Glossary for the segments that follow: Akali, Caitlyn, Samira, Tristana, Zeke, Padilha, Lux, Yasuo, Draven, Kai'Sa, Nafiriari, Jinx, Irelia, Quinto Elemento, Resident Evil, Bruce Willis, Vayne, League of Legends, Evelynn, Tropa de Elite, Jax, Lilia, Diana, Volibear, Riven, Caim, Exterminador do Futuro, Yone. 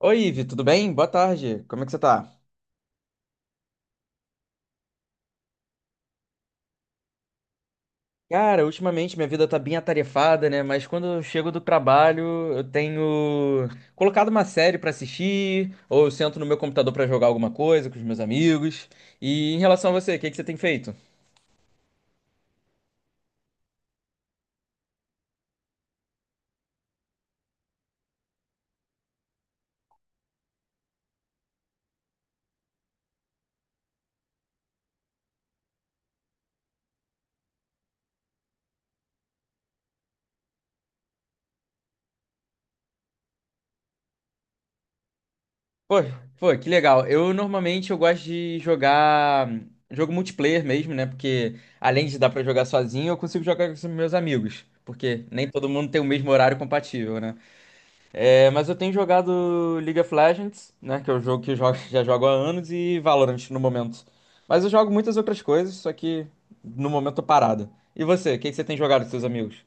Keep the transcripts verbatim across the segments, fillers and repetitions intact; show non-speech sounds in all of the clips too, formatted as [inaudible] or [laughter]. Oi, Ivi, tudo bem? Boa tarde. Como é que você tá? Cara, ultimamente minha vida tá bem atarefada, né? Mas quando eu chego do trabalho, eu tenho colocado uma série pra assistir, ou eu sento no meu computador pra jogar alguma coisa com os meus amigos. E em relação a você, o que que você tem feito? Pô, pô, que legal. Eu normalmente eu gosto de jogar hum, jogo multiplayer mesmo, né? Porque além de dar pra jogar sozinho, eu consigo jogar com os meus amigos, porque nem todo mundo tem o mesmo horário compatível, né? É, mas eu tenho jogado League of Legends, né? Que é o jogo que eu jogo, já jogo há anos, e Valorant no momento. Mas eu jogo muitas outras coisas, só que no momento tô parado. E você, o que que você tem jogado com seus amigos?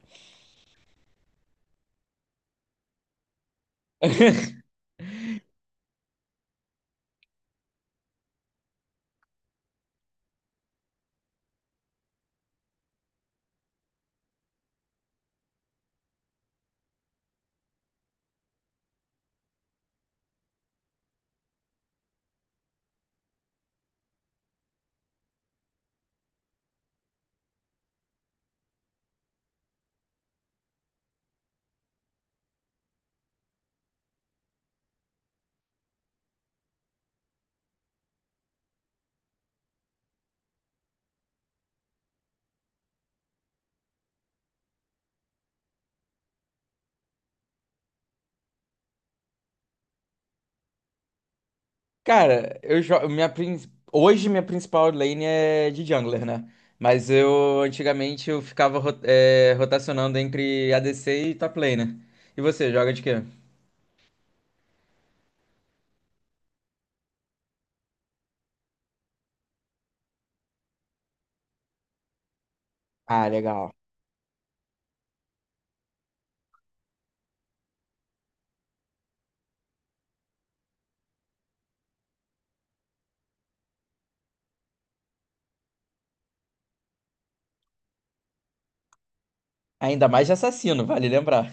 Cara, eu jogo. Minha, prin- hoje minha principal lane é de jungler, né? Mas eu antigamente eu ficava ro- é, rotacionando entre A D C e top laner. E você, joga de quê? Ah, legal. Ainda mais de assassino, vale lembrar.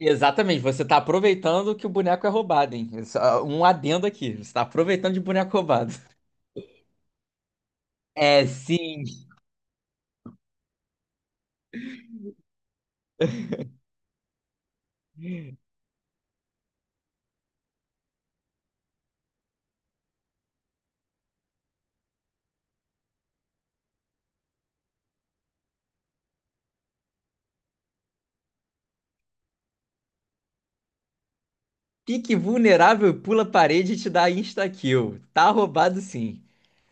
Exatamente, você está aproveitando que o boneco é roubado, hein? Só um adendo aqui, você está aproveitando de boneco roubado. É, sim. Fique vulnerável e pula a parede e te dá insta-kill. Tá roubado, sim.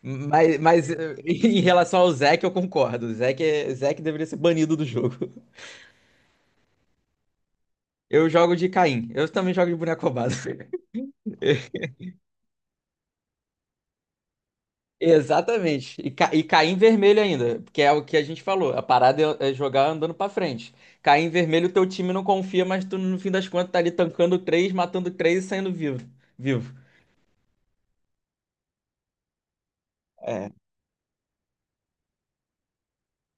Mas, mas eh, [laughs] em relação ao Zeke, eu concordo. O Zeke, é- Zeke deveria ser banido do jogo. Eu jogo de Caim. Eu também jogo de boneco roubado. [laughs] Exatamente. E, ca- e cair em vermelho ainda, porque é o que a gente falou. A parada é é jogar andando pra frente. Cair em vermelho, teu time não confia, mas tu no fim das contas tá ali tancando três, matando três e saindo vivo. Vivo. É.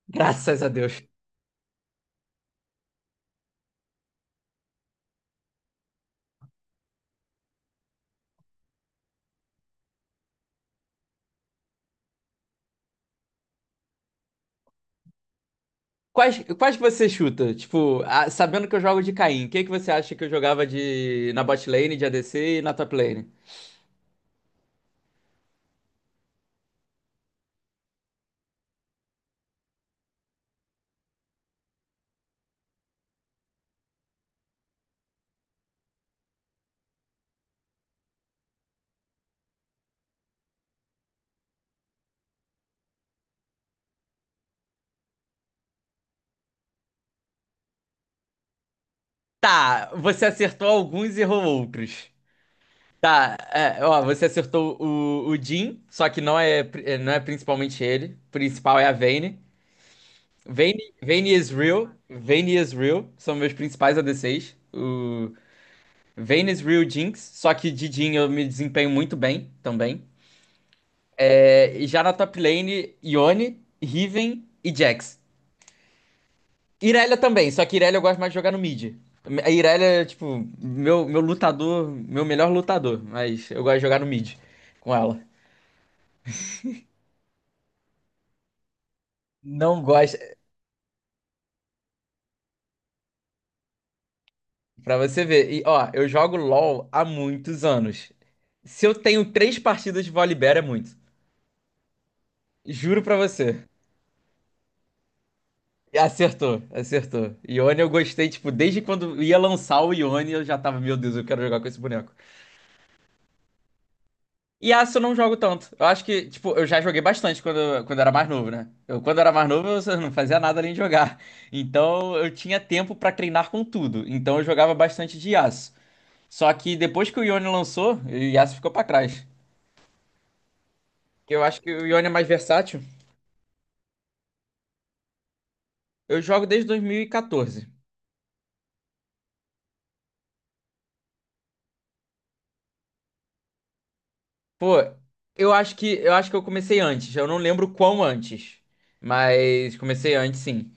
Graças a Deus. Quais, quais que você chuta? Tipo, a- sabendo que eu jogo de Caim, o que que você acha que eu jogava de na bot lane, de A D C e na top lane? Tá, você acertou alguns e errou outros. Tá, é, ó, você acertou o, o Jin, só que não é, pri- é, não é principalmente ele. O principal é a Vayne. Vayne, Vayne is real, Vayne is real, são meus principais A D Cs. O Vayne is real Jinx, só que de Jin eu me desempenho muito bem também. É, e já na top lane, Yone, Riven e Jax. Irelia também, só que Irelia eu gosto mais de jogar no mid. A Irelia é, tipo, meu, meu lutador, meu melhor lutador, mas eu gosto de jogar no mid com ela. Não gosto. Pra você ver. E, ó, eu jogo LOL há muitos anos. Se eu tenho três partidas de Volibear, é muito. Juro pra você. E acertou, acertou. Ione eu gostei, tipo, desde quando ia lançar o Ione, eu já tava, meu Deus, eu quero jogar com esse boneco. E Yasuo eu não jogo tanto. Eu acho que, tipo, eu já joguei bastante quando, quando era mais novo, né? Eu, quando era mais novo, eu só não fazia nada além de jogar. Então, eu tinha tempo pra treinar com tudo. Então, eu jogava bastante de Yasuo. Só que depois que o Ione lançou, o Yasuo ficou pra trás. Que eu acho que o Ione é mais versátil. Eu jogo desde dois mil e quatorze. Pô, eu acho que eu acho que eu comecei antes. Eu não lembro quão antes, mas comecei antes, sim.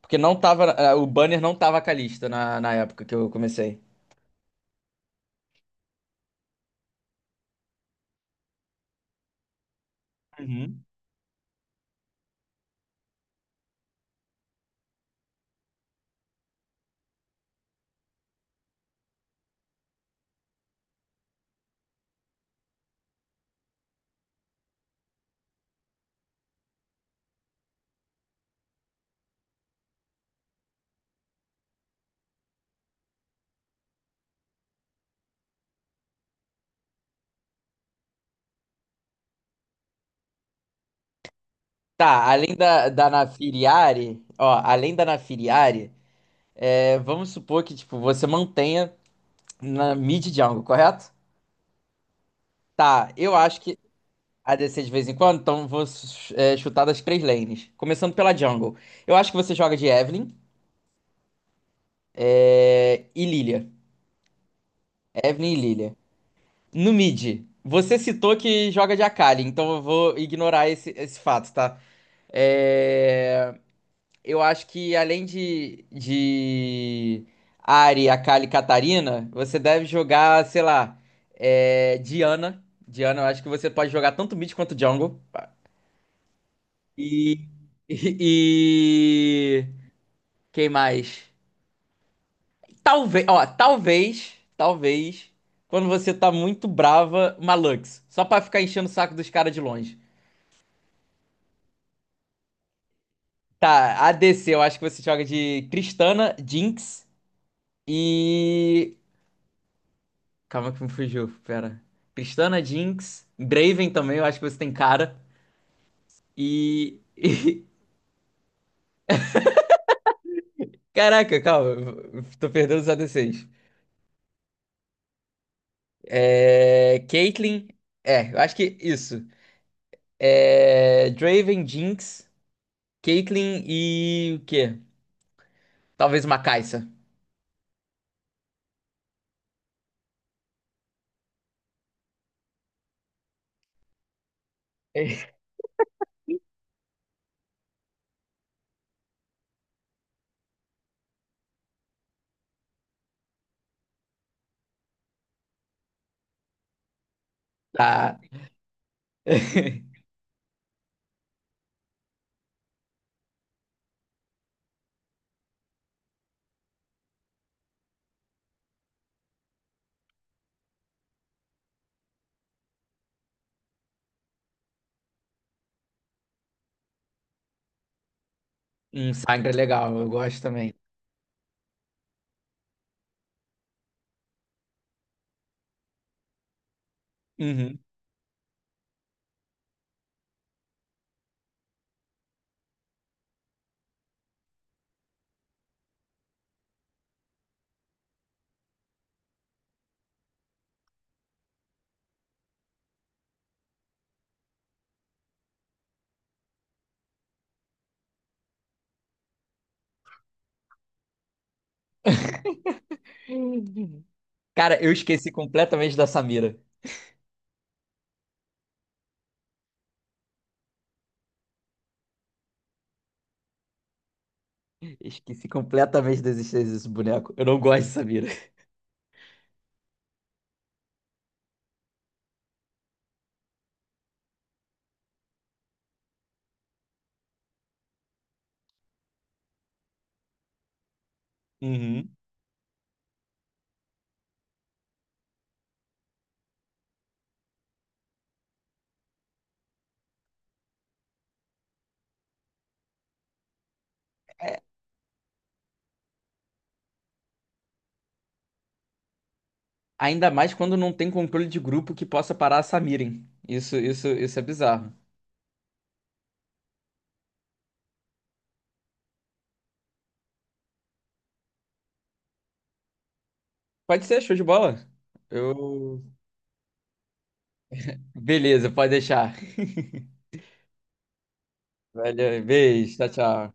Porque não tava, eh, o banner não tava com a lista na, na época que eu comecei. Uhum. Tá, além da, da Nafiriari, ó, além da Nafiriari, eh, vamos supor que, tipo, você mantenha na mid jungle, correto? Tá, eu acho que a descer de vez em quando, então vou é, chutar das três lanes. Começando pela jungle. Eu acho que você joga de Evelynn é, e Lilia. Evelynn e Lilia. No mid, você citou que joga de Akali, então eu vou ignorar esse, esse fato, tá? É, eu acho que além de, de Ahri, Akali e Katarina, você deve jogar, sei lá, é, Diana. Diana, eu acho que você pode jogar tanto mid quanto jungle. E, e, Quem mais? Talvez, ó, talvez, talvez, quando você tá muito brava, uma Lux. Só pra ficar enchendo o saco dos caras de longe. Tá, A D C, eu acho que você joga de Tristana, Jinx e. Calma que me fugiu, pera. Tristana, Jinx, Draven também, eu acho que você tem cara. E. [laughs] e- Caraca, calma, eu tô perdendo os A D Cs. É. Caitlyn, é, eu acho que isso. É. Draven, Jinx. Caitlyn e o quê? Talvez uma Kai'Sa. Tá. [laughs] Um Sangra é legal, eu gosto também. Uhum. Cara, eu esqueci completamente da Samira. Esqueci completamente da existência desse boneco. Eu não gosto de Samira. Uhum. É, ainda mais quando não tem controle de grupo que possa parar a Samiren. Isso, isso, isso é bizarro. Pode ser, show de bola. Eu. Beleza, pode deixar. Valeu, beijo, tchau, tchau.